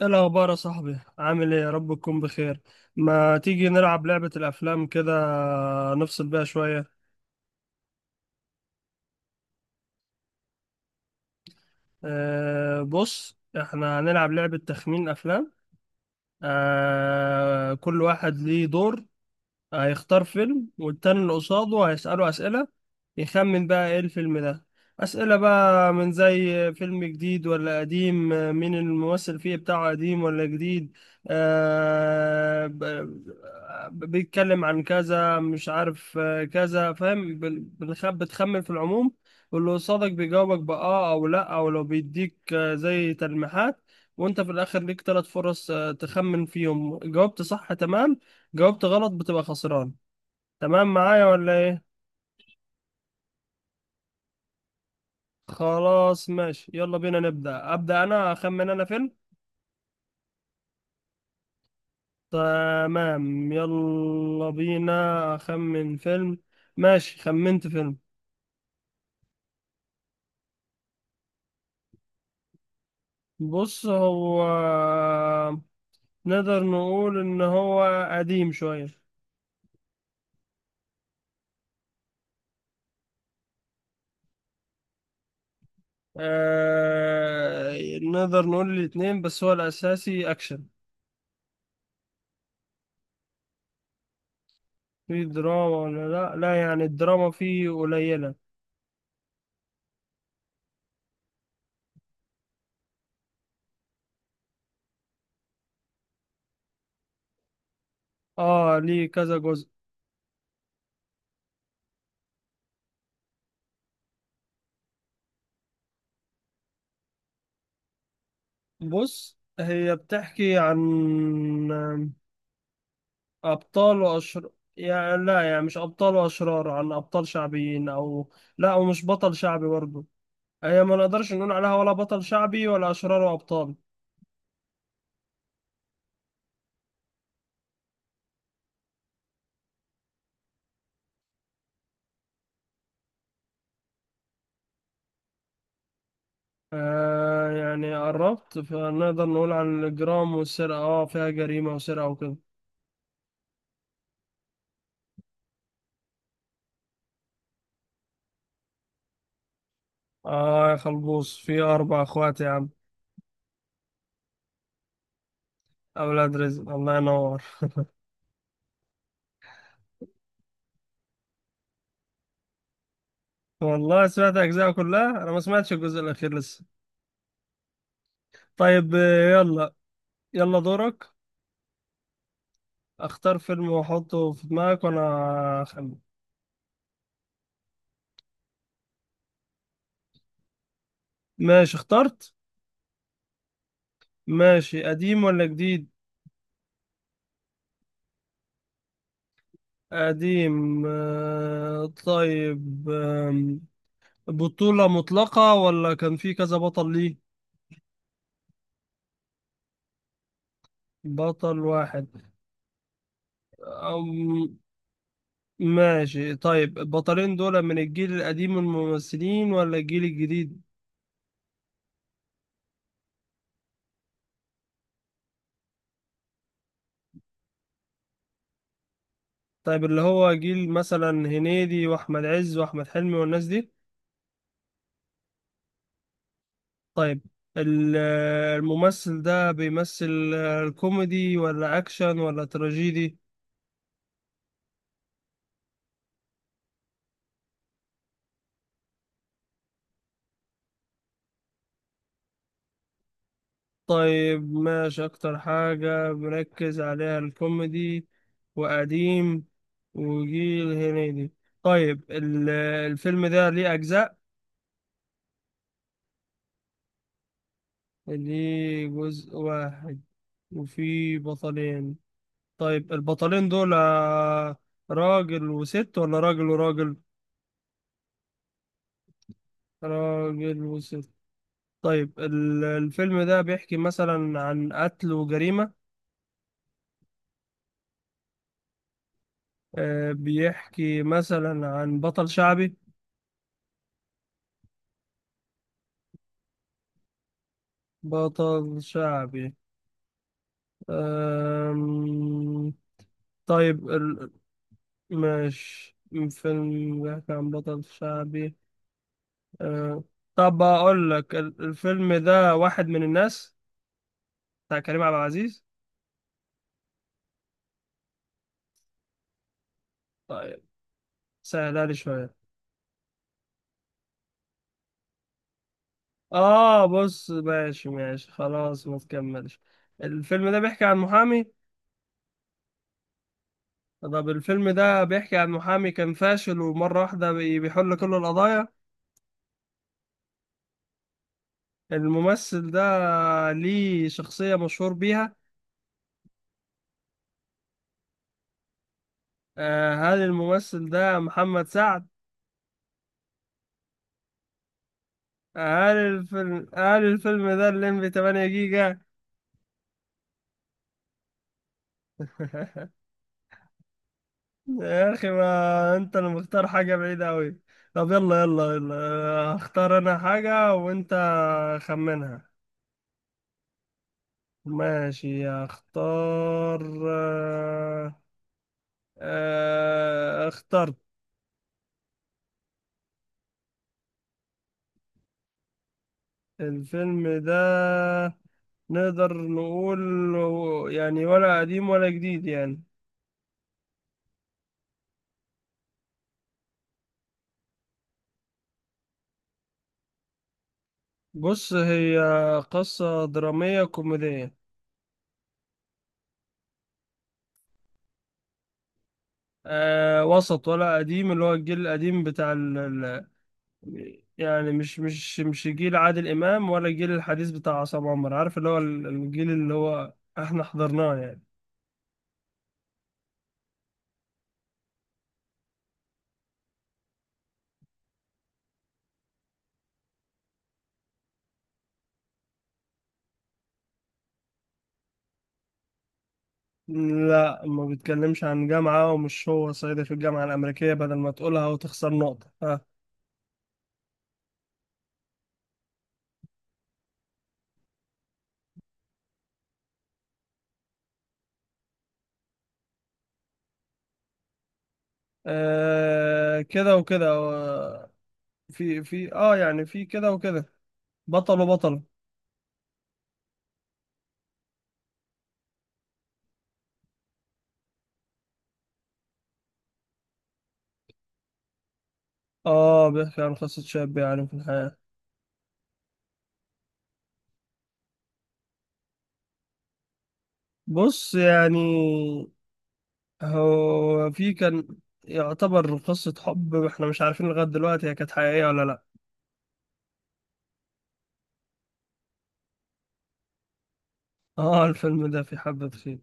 ايه الاخبار يا صاحبي؟ عامل ايه؟ يا رب تكون بخير. ما تيجي نلعب لعبة الافلام كده؟ نفصل بيها شوية. بص احنا هنلعب لعبة تخمين افلام. كل واحد ليه دور، هيختار فيلم، والتاني اللي قصاده هيسأله أسئلة يخمن بقى إيه الفيلم ده. أسئلة بقى من زي فيلم جديد ولا قديم، مين الممثل فيه بتاعه، قديم ولا جديد. آه ب- بيتكلم عن كذا مش عارف، كذا فاهم، بتخمن في العموم. واللي قصادك بيجاوبك بآه أو لأ، أو لو بيديك زي تلميحات. وأنت في الآخر ليك تلات فرص تخمن فيهم. جاوبت صح تمام، جاوبت غلط بتبقى خسران. تمام معايا ولا ايه؟ خلاص ماشي، يلا بينا أبدأ انا، اخمن انا فيلم. تمام يلا بينا. اخمن فيلم. ماشي، خمنت فيلم. بص هو نقدر نقول ان هو قديم شوية. نقدر نقول الاتنين، بس هو الاساسي اكشن. في دراما ولا لا، لا يعني الدراما فيه قليلة. اه ليه كذا جزء. بص هي بتحكي عن أبطال وأشرار. يعني لا، يعني مش أبطال وأشرار عن أبطال شعبيين، أو لا ومش بطل شعبي برضه. هي ما نقدرش نقول عليها ولا بطل شعبي ولا أشرار وأبطال. يعني قربت، فنقدر نقول عن الإجرام والسرقة، اه فيها جريمة وسرقة وكده. اه يا خلبوص، في أربع أخوات يا عم. أولاد رزق، الله ينور. والله سمعت أجزاء كلها أنا، ما سمعتش الجزء الأخير لسه. طيب يلا. يلا دورك. اختار فيلم واحطه في دماغك وانا اخمن. ماشي اخترت. ماشي، قديم ولا جديد؟ قديم. طيب، بطولة مطلقة ولا كان في كذا بطل ليه؟ بطل واحد. أم ماشي. طيب البطلين دول من الجيل القديم من الممثلين ولا الجيل الجديد؟ طيب اللي هو جيل مثلا هنيدي واحمد عز واحمد حلمي والناس دي. طيب ال- الممثل ده بيمثل الكوميدي ولا أكشن ولا تراجيدي؟ طيب ماشي، أكتر حاجة مركز عليها الكوميدي، وقديم، وجيل هنيدي. طيب الفيلم ده ليه أجزاء؟ ليه جزء واحد وفيه بطلين. طيب البطلين دول راجل وست ولا راجل وراجل؟ راجل وست. طيب الفيلم ده بيحكي مثلا عن قتل وجريمة؟ بيحكي مثلا عن بطل شعبي؟ بطل شعبي. آم، طيب مش فيلم بيحكي عن بطل شعبي. آه، طب أقول لك، الفيلم ده واحد من الناس، بتاع كريم عبد العزيز. طيب سهلها لي شوية. بص ماشي ماشي خلاص ما تكملش. الفيلم ده بيحكي عن محامي. طب الفيلم ده بيحكي عن محامي كان فاشل ومرة واحدة بيحل كل القضايا. الممثل ده ليه شخصية مشهور بيها. هل الممثل ده محمد سعد؟ هل الفيلم ده الليمبي 8 جيجا؟ يا أخي، ما أنت اللي مختار حاجة بعيدة أوي. طب يلا يلا يلا، هختار أنا حاجة وأنت خمنها. ماشي هختار. آه، اخترت. الفيلم ده نقدر نقول يعني ولا قديم ولا جديد يعني. بص هي قصة درامية كوميدية. وسط ولا قديم، اللي هو الجيل القديم بتاع يعني مش جيل عادل إمام، ولا الجيل الحديث بتاع عصام عمر عارف، اللي هو الجيل اللي هو احنا حضرناه يعني. لا ما بيتكلمش عن جامعة، ومش هو صعيدي في الجامعة الأمريكية، بدل ما تقولها وتخسر نقطة. كده وكده، في يعني في كده وكده، بطل وبطل. اه بيحكي عن قصة شاب يعني في الحياة. بص يعني هو في كان يعتبر قصة حب، احنا مش عارفين لغاية دلوقتي هي كانت حقيقية ولا لا. اه الفيلم ده في حبة خير.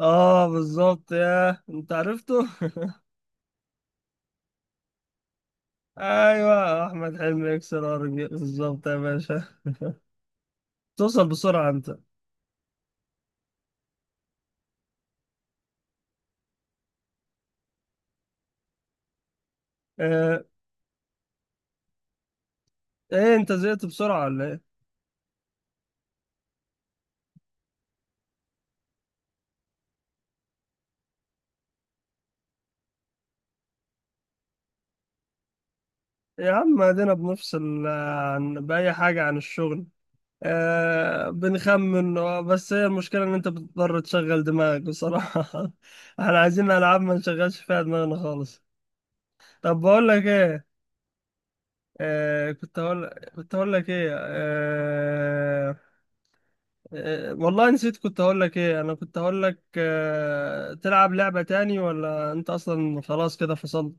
اه بالظبط يا انت عرفته. ايوه احمد حلمي يكسر ارجل بالظبط يا باشا. توصل بسرعة انت. آه ايه انت زهقت بسرعة ولا ايه؟ يا عم ادينا بنفصل عن بأي حاجة عن الشغل. بنخمن، بس هي المشكلة إن أنت بتضطر تشغل دماغك بصراحة. احنا عايزين ألعاب ما نشغلش فيها دماغنا خالص. طب بقول لك إيه. كنت هقول. كنت هقول لك إيه والله نسيت. كنت هقول لك إيه؟ أنا كنت هقول لك تلعب لعبة تاني، ولا أنت أصلا خلاص كده فصلت؟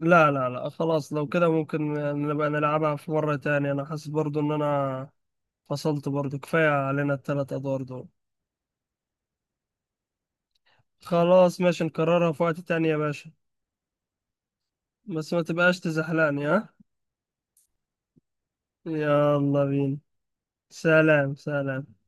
لا لا لا خلاص، لو كده ممكن نبقى نلعبها في مرة تانية. أنا حاسس برضو إن أنا فصلت برضو، كفاية علينا التلات أدوار دول. خلاص ماشي، نكررها في وقت تاني يا باشا. بس ما تبقاش تزحلقني ها. يلا بينا. سلام سلام.